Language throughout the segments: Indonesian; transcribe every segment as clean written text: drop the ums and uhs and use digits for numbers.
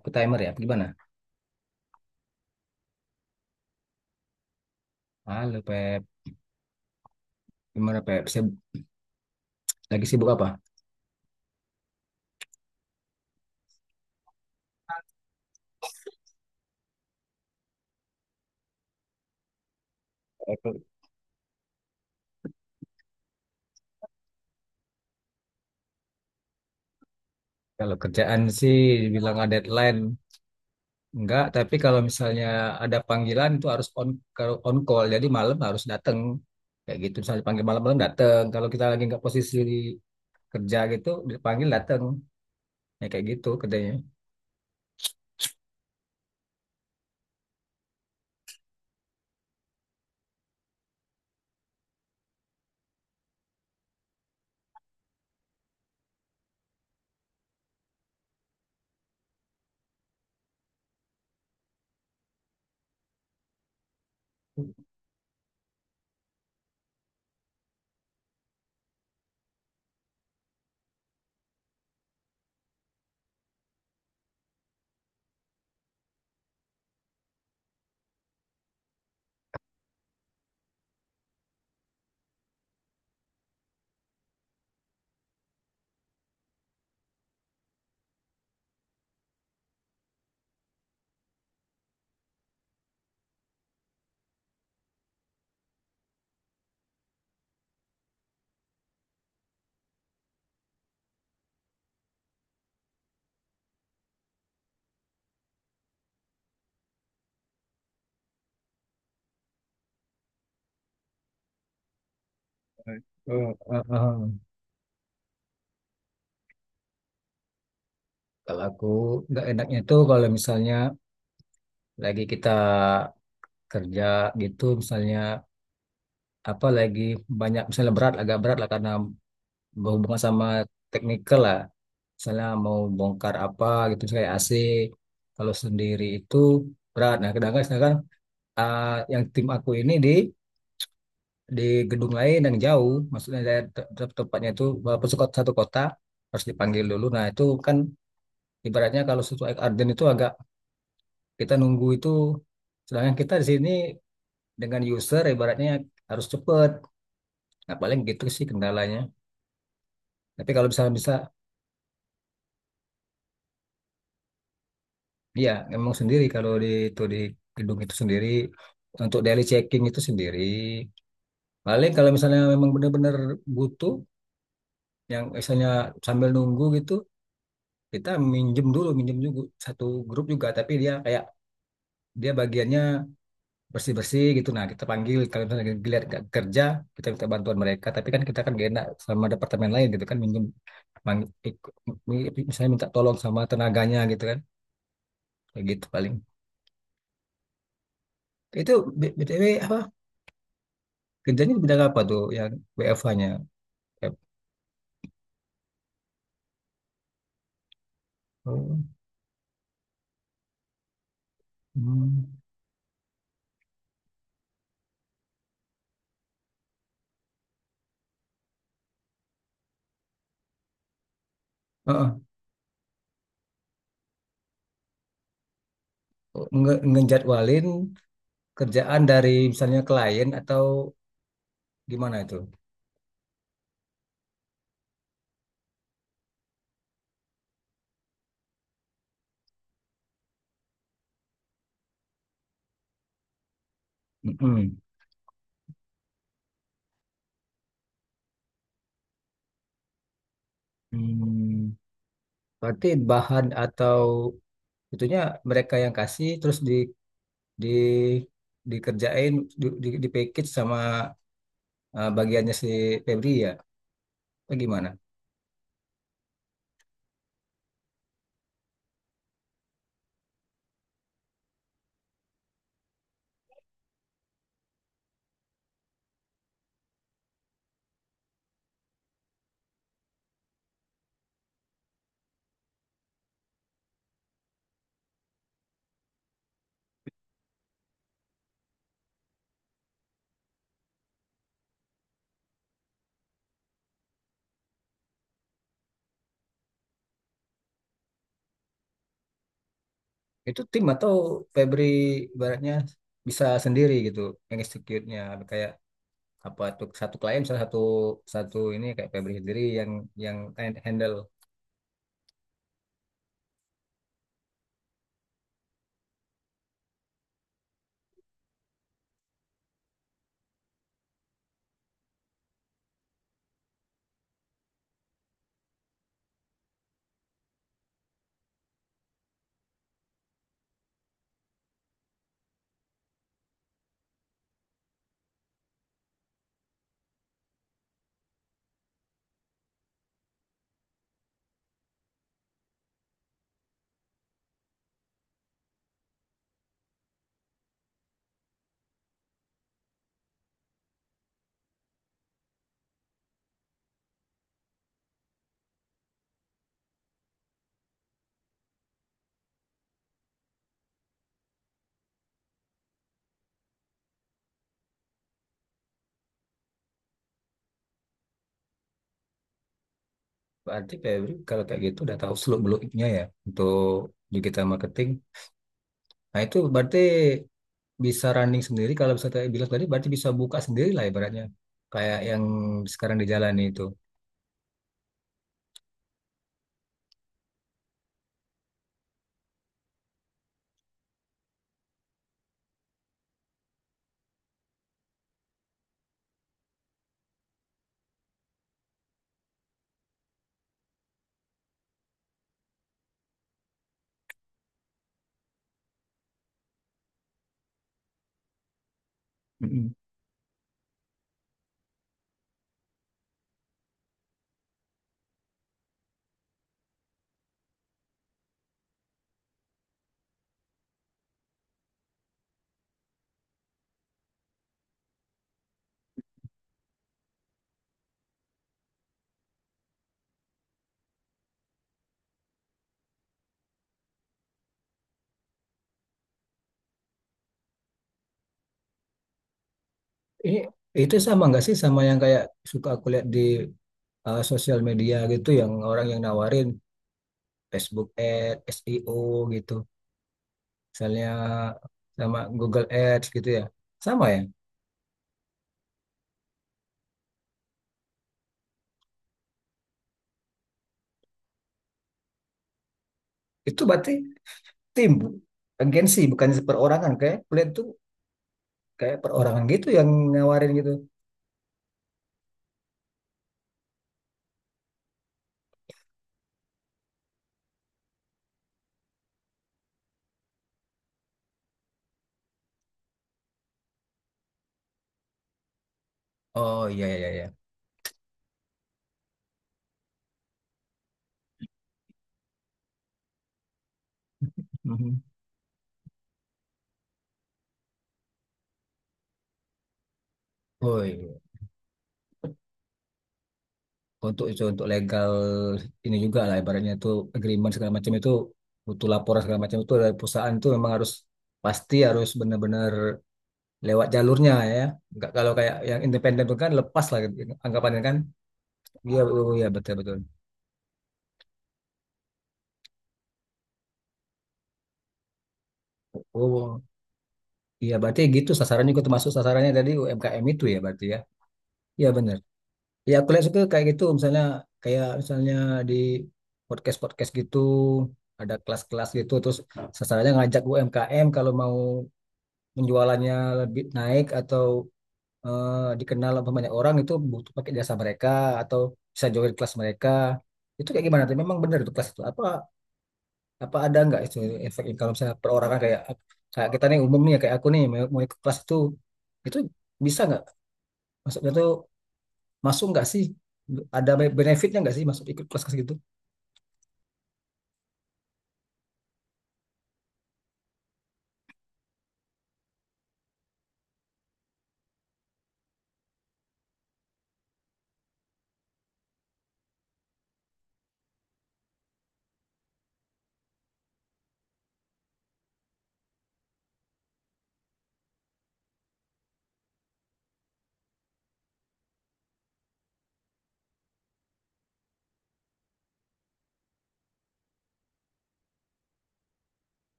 Aku timer ya, apa gimana? Halo Pep, gimana Pep? Lagi sibuk apa? Aku Kalau kerjaan sih bilang ada deadline, enggak. Tapi kalau misalnya ada panggilan itu harus on, kalau on call, jadi malam harus datang. Kayak gitu, misalnya dipanggil malam-malam datang. Kalau kita lagi nggak posisi di kerja gitu, dipanggil datang. Ya kayak gitu kerjanya. Oh, oh, oh. Kalau aku nggak enaknya tuh kalau misalnya lagi kita kerja gitu, misalnya apa lagi banyak, misalnya berat, agak berat lah, karena berhubungan sama teknikal lah, misalnya mau bongkar apa gitu, misalnya AC kalau sendiri itu berat. Nah, kadang sedangkan ah, yang tim aku ini di gedung lain yang jauh, maksudnya saya tempatnya itu walaupun satu kota harus dipanggil dulu. Nah, itu kan ibaratnya kalau sesuai Arden itu agak, kita nunggu itu, sedangkan kita di sini dengan user ibaratnya harus cepet. Nah, paling gitu sih kendalanya, tapi kalau bisa, bisa. Iya, memang sendiri kalau di gedung itu sendiri, untuk daily checking itu sendiri. Paling kalau misalnya memang benar-benar butuh yang misalnya sambil nunggu gitu, kita minjem dulu. Minjem juga satu grup juga, tapi dia bagiannya bersih-bersih gitu. Nah, kita panggil kalau misalnya dilihat nggak kerja, kita minta bantuan mereka. Tapi kan kita kan gak enak sama departemen lain gitu kan, minjem, mang- ik- misalnya minta tolong sama tenaganya gitu kan. Kayak gitu paling. Itu, BTW, apa kerjanya di bidang apa tuh yang WFH-nya? Oh, hmm. Heeh. Ngejadwalin kerjaan dari misalnya klien atau gimana itu? Mm-mm. Hmm. Berarti bahan atau itunya mereka yang kasih, terus di dikerjain di package sama, bagiannya si Febri ya? Atau gimana? Itu tim atau Febri ibaratnya bisa sendiri gitu yang execute-nya, kayak apa tuh, satu klien, salah satu, satu ini, kayak Febri sendiri yang handle. Berarti Febri kalau kayak gitu udah tahu seluk beluknya ya untuk digital marketing. Nah, itu berarti bisa running sendiri. Kalau bisa tadi bilang, tadi berarti bisa buka sendiri lah ibaratnya, kayak yang sekarang dijalani itu. Mm-mm. Ini itu sama nggak sih sama yang kayak suka aku lihat di, sosial media gitu yang orang yang nawarin Facebook ad, SEO gitu misalnya, sama Google Ads gitu ya. Sama ya. Itu berarti tim, agensi, bukan perorangan. Kayak kuliah tuh kayak perorangan gitu yang nawarin gitu. Oh, iya, iya, iya. Mhm. Oh, iya. Untuk itu, untuk legal ini juga lah ibaratnya, itu agreement segala macam, itu butuh laporan segala macam, itu dari perusahaan tuh memang harus, pasti harus benar-benar lewat jalurnya ya. Enggak, kalau kayak yang independen tuh kan lepas lah anggapannya kan. Iya, oh, iya, betul, betul. Oh, iya, berarti gitu sasarannya juga, termasuk sasarannya tadi UMKM itu ya berarti ya. Iya, benar. Ya aku lihat suka kayak gitu misalnya, kayak misalnya di podcast-podcast gitu ada kelas-kelas gitu, terus sasarannya ngajak UMKM kalau mau penjualannya lebih naik atau eh, dikenal sama banyak orang, itu butuh pakai jasa mereka atau bisa join kelas mereka. Itu kayak gimana tuh? Memang benar itu kelas itu, apa, apa ada nggak itu efek kalau misalnya perorangan, kayak kayak kita nih, umum nih ya, kayak aku nih mau ikut kelas itu bisa nggak, maksudnya tuh masuk nggak sih, ada benefitnya nggak sih masuk ikut kelas kelas gitu?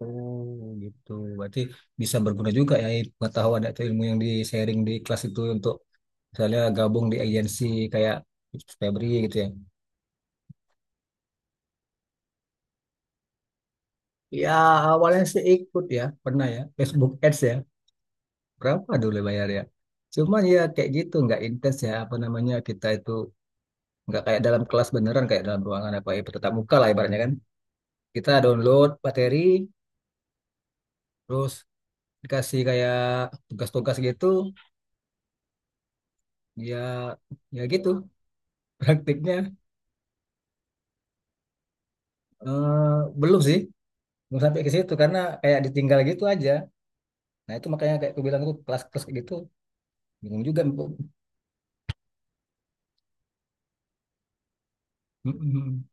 Oh gitu, berarti bisa berguna juga ya, pengetahuan atau ilmu yang di sharing di kelas itu untuk misalnya gabung di agensi kayak Febri gitu ya. Ya awalnya sih ikut ya, pernah ya Facebook Ads ya, berapa dulu bayar ya. Cuman ya kayak gitu nggak intens ya, apa namanya, kita itu nggak kayak dalam kelas beneran, kayak dalam ruangan apa ya, tetap muka lah ibaratnya kan. Kita download materi terus dikasih kayak tugas-tugas gitu ya. Ya gitu. Praktiknya, eh, belum sih belum sampai ke situ karena kayak ditinggal gitu aja. Nah itu makanya kayak aku bilang tuh kelas-kelas kayak gitu, bingung juga. Mm-mm.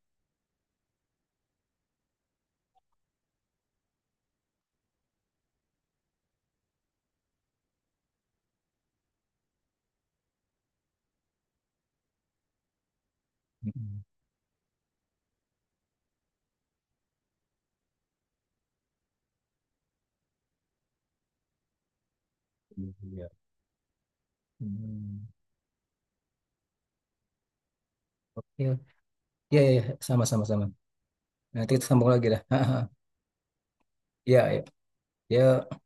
Iya. Hmm. Oke, ya, ya, ya, sama, sama, sama. Nanti kita sambung lagi lah. Ya, ya, ya.